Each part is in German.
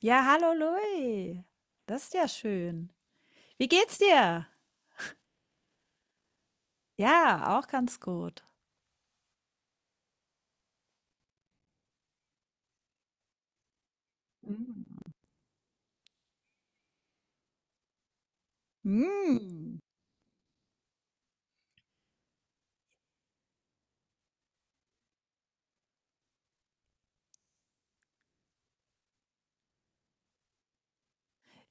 Ja, hallo Louis. Das ist ja schön. Wie geht's dir? Ja, auch ganz gut. Mhm. Mm.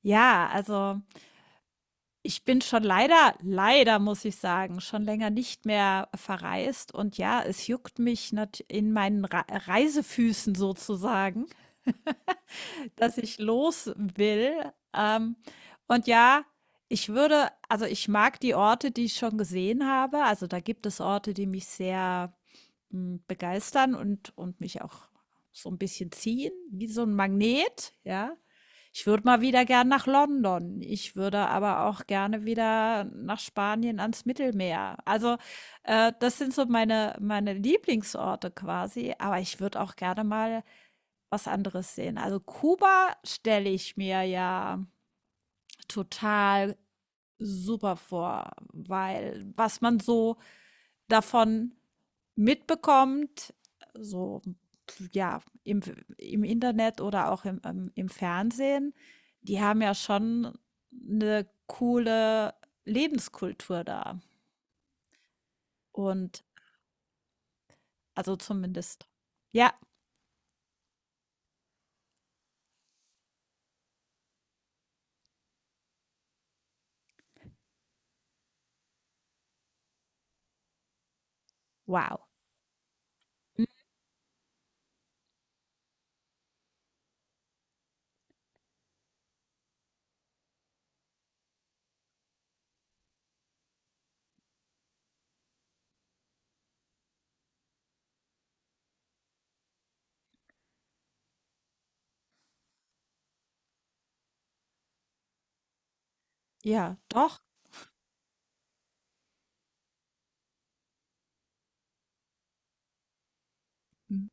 Ja, also ich bin schon leider muss ich sagen, schon länger nicht mehr verreist. Und ja, es juckt mich in meinen Re Reisefüßen sozusagen, dass ich los will. Und ja, ich würde, also ich mag die Orte, die ich schon gesehen habe. Also da gibt es Orte, die mich sehr begeistern und mich auch so ein bisschen ziehen, wie so ein Magnet, ja. Ich würde mal wieder gern nach London. Ich würde aber auch gerne wieder nach Spanien ans Mittelmeer. Also, das sind so meine Lieblingsorte quasi, aber ich würde auch gerne mal was anderes sehen. Also, Kuba stelle ich mir ja total super vor, weil was man so davon mitbekommt, so ja, im Internet oder auch im, im Fernsehen, die haben ja schon eine coole Lebenskultur da. Und also zumindest, ja, wow. Hm. Ja, doch. Mhm.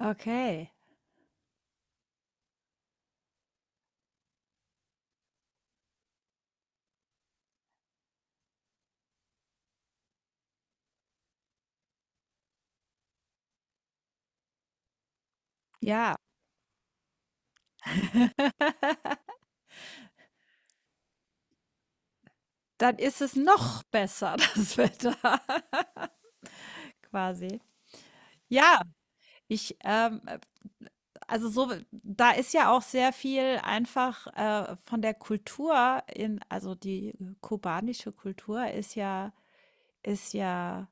Okay. Ja. Dann ist es noch besser, das Wetter. Quasi. Ja, ich, also so, da ist ja auch sehr viel einfach von der Kultur in, also die kubanische Kultur ist ja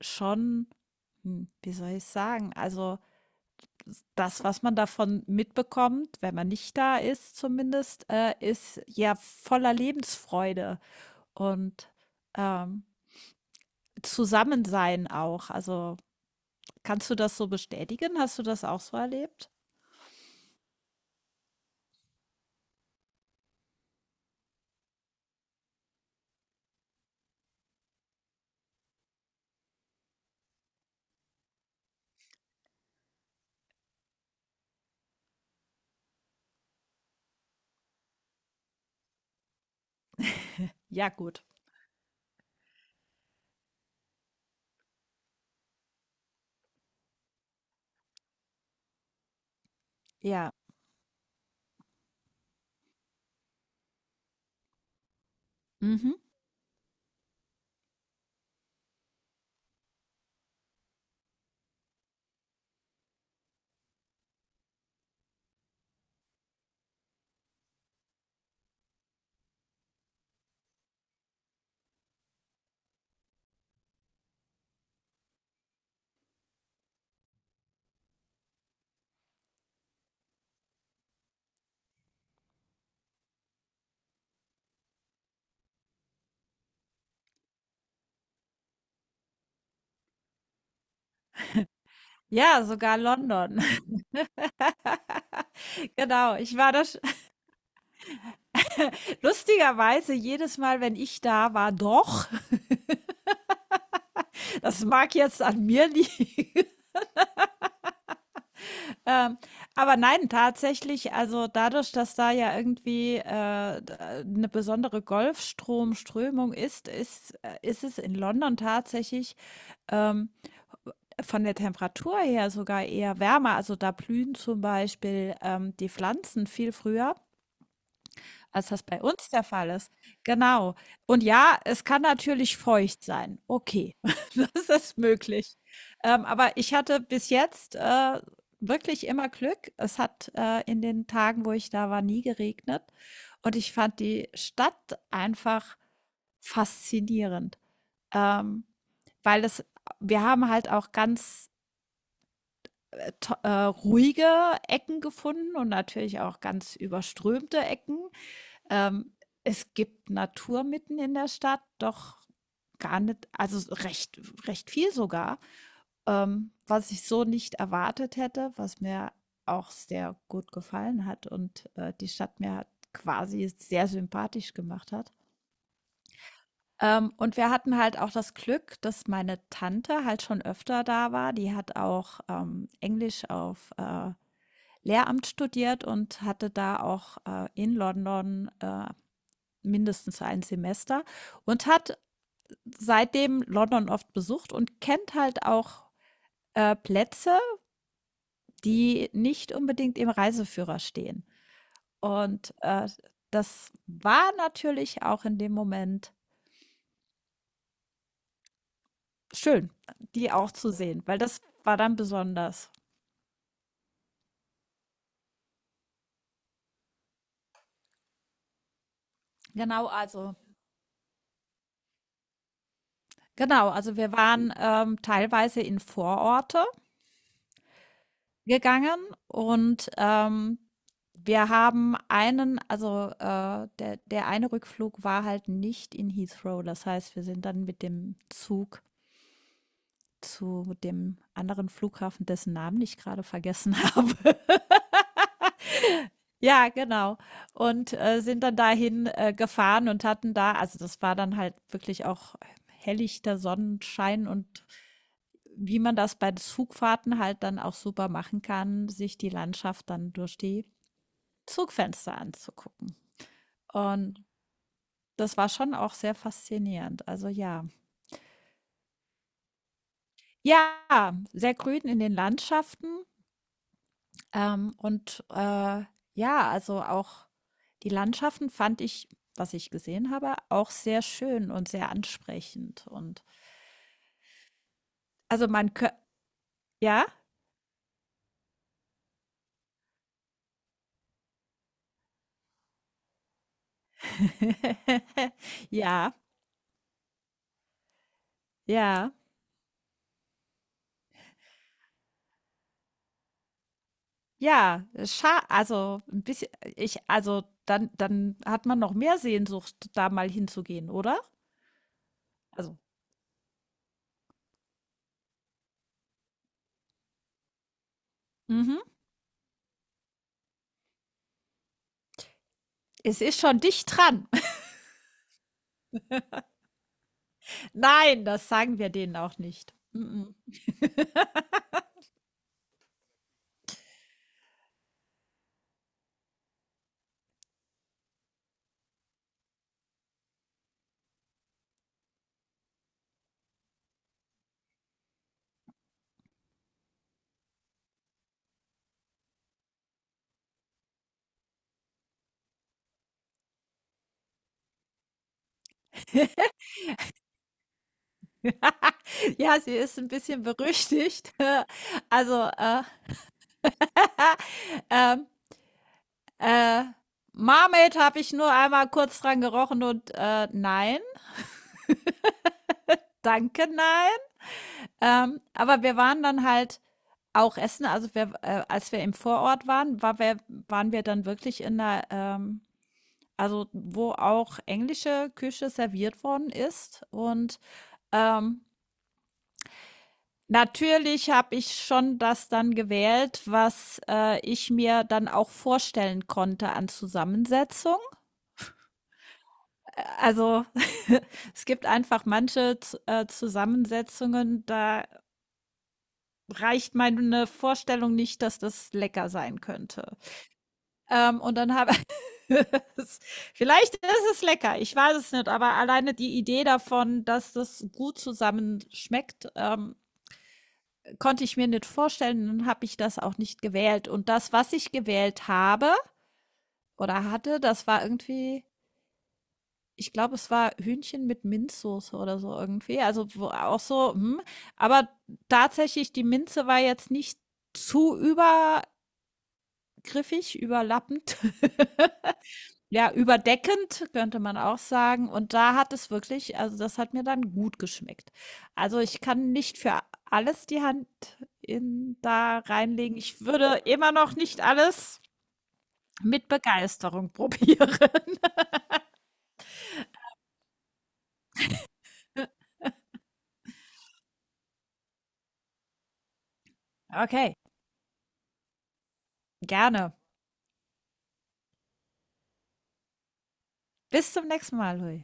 schon, wie soll ich sagen, also das, was man davon mitbekommt, wenn man nicht da ist zumindest, ist ja voller Lebensfreude und ähm, Zusammensein auch. Also kannst du das so bestätigen? Hast du das auch so erlebt? Ja, gut. Ja. Mhm. Ja, sogar London. Genau. Ich war das lustigerweise jedes Mal, wenn ich da war, doch. Das mag jetzt an mir liegen. Ähm, aber nein, tatsächlich, also dadurch, dass da ja irgendwie eine besondere Golfstromströmung ist es in London tatsächlich ähm, von der Temperatur her sogar eher wärmer. Also da blühen zum Beispiel die Pflanzen viel früher. Als das bei uns der Fall ist. Genau. Und ja, es kann natürlich feucht sein. Okay, das ist möglich. Aber ich hatte bis jetzt, wirklich immer Glück. Es hat, in den Tagen, wo ich da war, nie geregnet und ich fand die Stadt einfach faszinierend, ähm, weil es, wir haben halt auch ganz, to ruhige Ecken gefunden und natürlich auch ganz überströmte Ecken, ähm, es gibt Natur mitten in der Stadt, doch gar nicht, also recht recht viel sogar, was ich so nicht erwartet hätte, was mir auch sehr gut gefallen hat und, die Stadt mir hat quasi sehr sympathisch gemacht hat. Und wir hatten halt auch das Glück, dass meine Tante halt schon öfter da war. Die hat auch, Englisch auf, Lehramt studiert und hatte da auch, in London, mindestens ein Semester und hat seitdem London oft besucht und kennt halt auch, Plätze, die nicht unbedingt im Reiseführer stehen. Und, das war natürlich auch in dem Moment schön, die auch zu sehen, weil das war dann besonders. Genau, also genau, also wir waren, teilweise in Vororte gegangen und, wir haben einen, also, der eine Rückflug war halt nicht in Heathrow. Das heißt, wir sind dann mit dem Zug zu dem anderen Flughafen, dessen Namen ich gerade vergessen habe. Ja, genau. Und, sind dann dahin, gefahren und hatten da, also das war dann halt wirklich auch hellichter Sonnenschein und wie man das bei Zugfahrten halt dann auch super machen kann, sich die Landschaft dann durch die Zugfenster anzugucken. Und das war schon auch sehr faszinierend. Also ja. Ja, sehr grün in den Landschaften. Ähm, und äh, ja, also auch die Landschaften fand ich, was ich gesehen habe, auch sehr schön und sehr ansprechend. Und also man könnte, ja, ja, ja, ja, scha also ein bisschen, ich, also dann, dann hat man noch mehr Sehnsucht, da mal hinzugehen, oder? Also, mhm. Es ist schon dicht dran. Nein, das sagen wir denen auch nicht. Mm-mm. Ja, sie ist ein bisschen berüchtigt. Also, ähm, äh, „Marmaid“ habe ich nur einmal kurz dran gerochen und, nein, danke, nein. Aber wir waren dann halt auch essen. Also, wir, als wir im Vorort waren, waren wir dann wirklich in der, also, wo auch englische Küche serviert worden ist und, ähm natürlich habe ich schon das dann gewählt, was, ich mir dann auch vorstellen konnte an Zusammensetzung. Also, es gibt einfach manche Z Zusammensetzungen, da reicht meine Vorstellung nicht, dass das lecker sein könnte. Und dann habe es, vielleicht ist es lecker, ich weiß es nicht, aber alleine die Idee davon, dass das gut zusammen schmeckt, konnte ich mir nicht vorstellen, dann habe ich das auch nicht gewählt. Und das, was ich gewählt habe oder hatte, das war irgendwie, ich glaube, es war Hühnchen mit Minzsoße oder so irgendwie. Also wo auch so, hm, aber tatsächlich, die Minze war jetzt nicht zu übergriffig, überlappend. Ja, überdeckend könnte man auch sagen. Und da hat es wirklich, also das hat mir dann gut geschmeckt. Also, ich kann nicht für alles die Hand in da reinlegen. Ich würde immer noch nicht alles mit Begeisterung probieren. Okay, gerne. Bis zum nächsten Mal, Louis.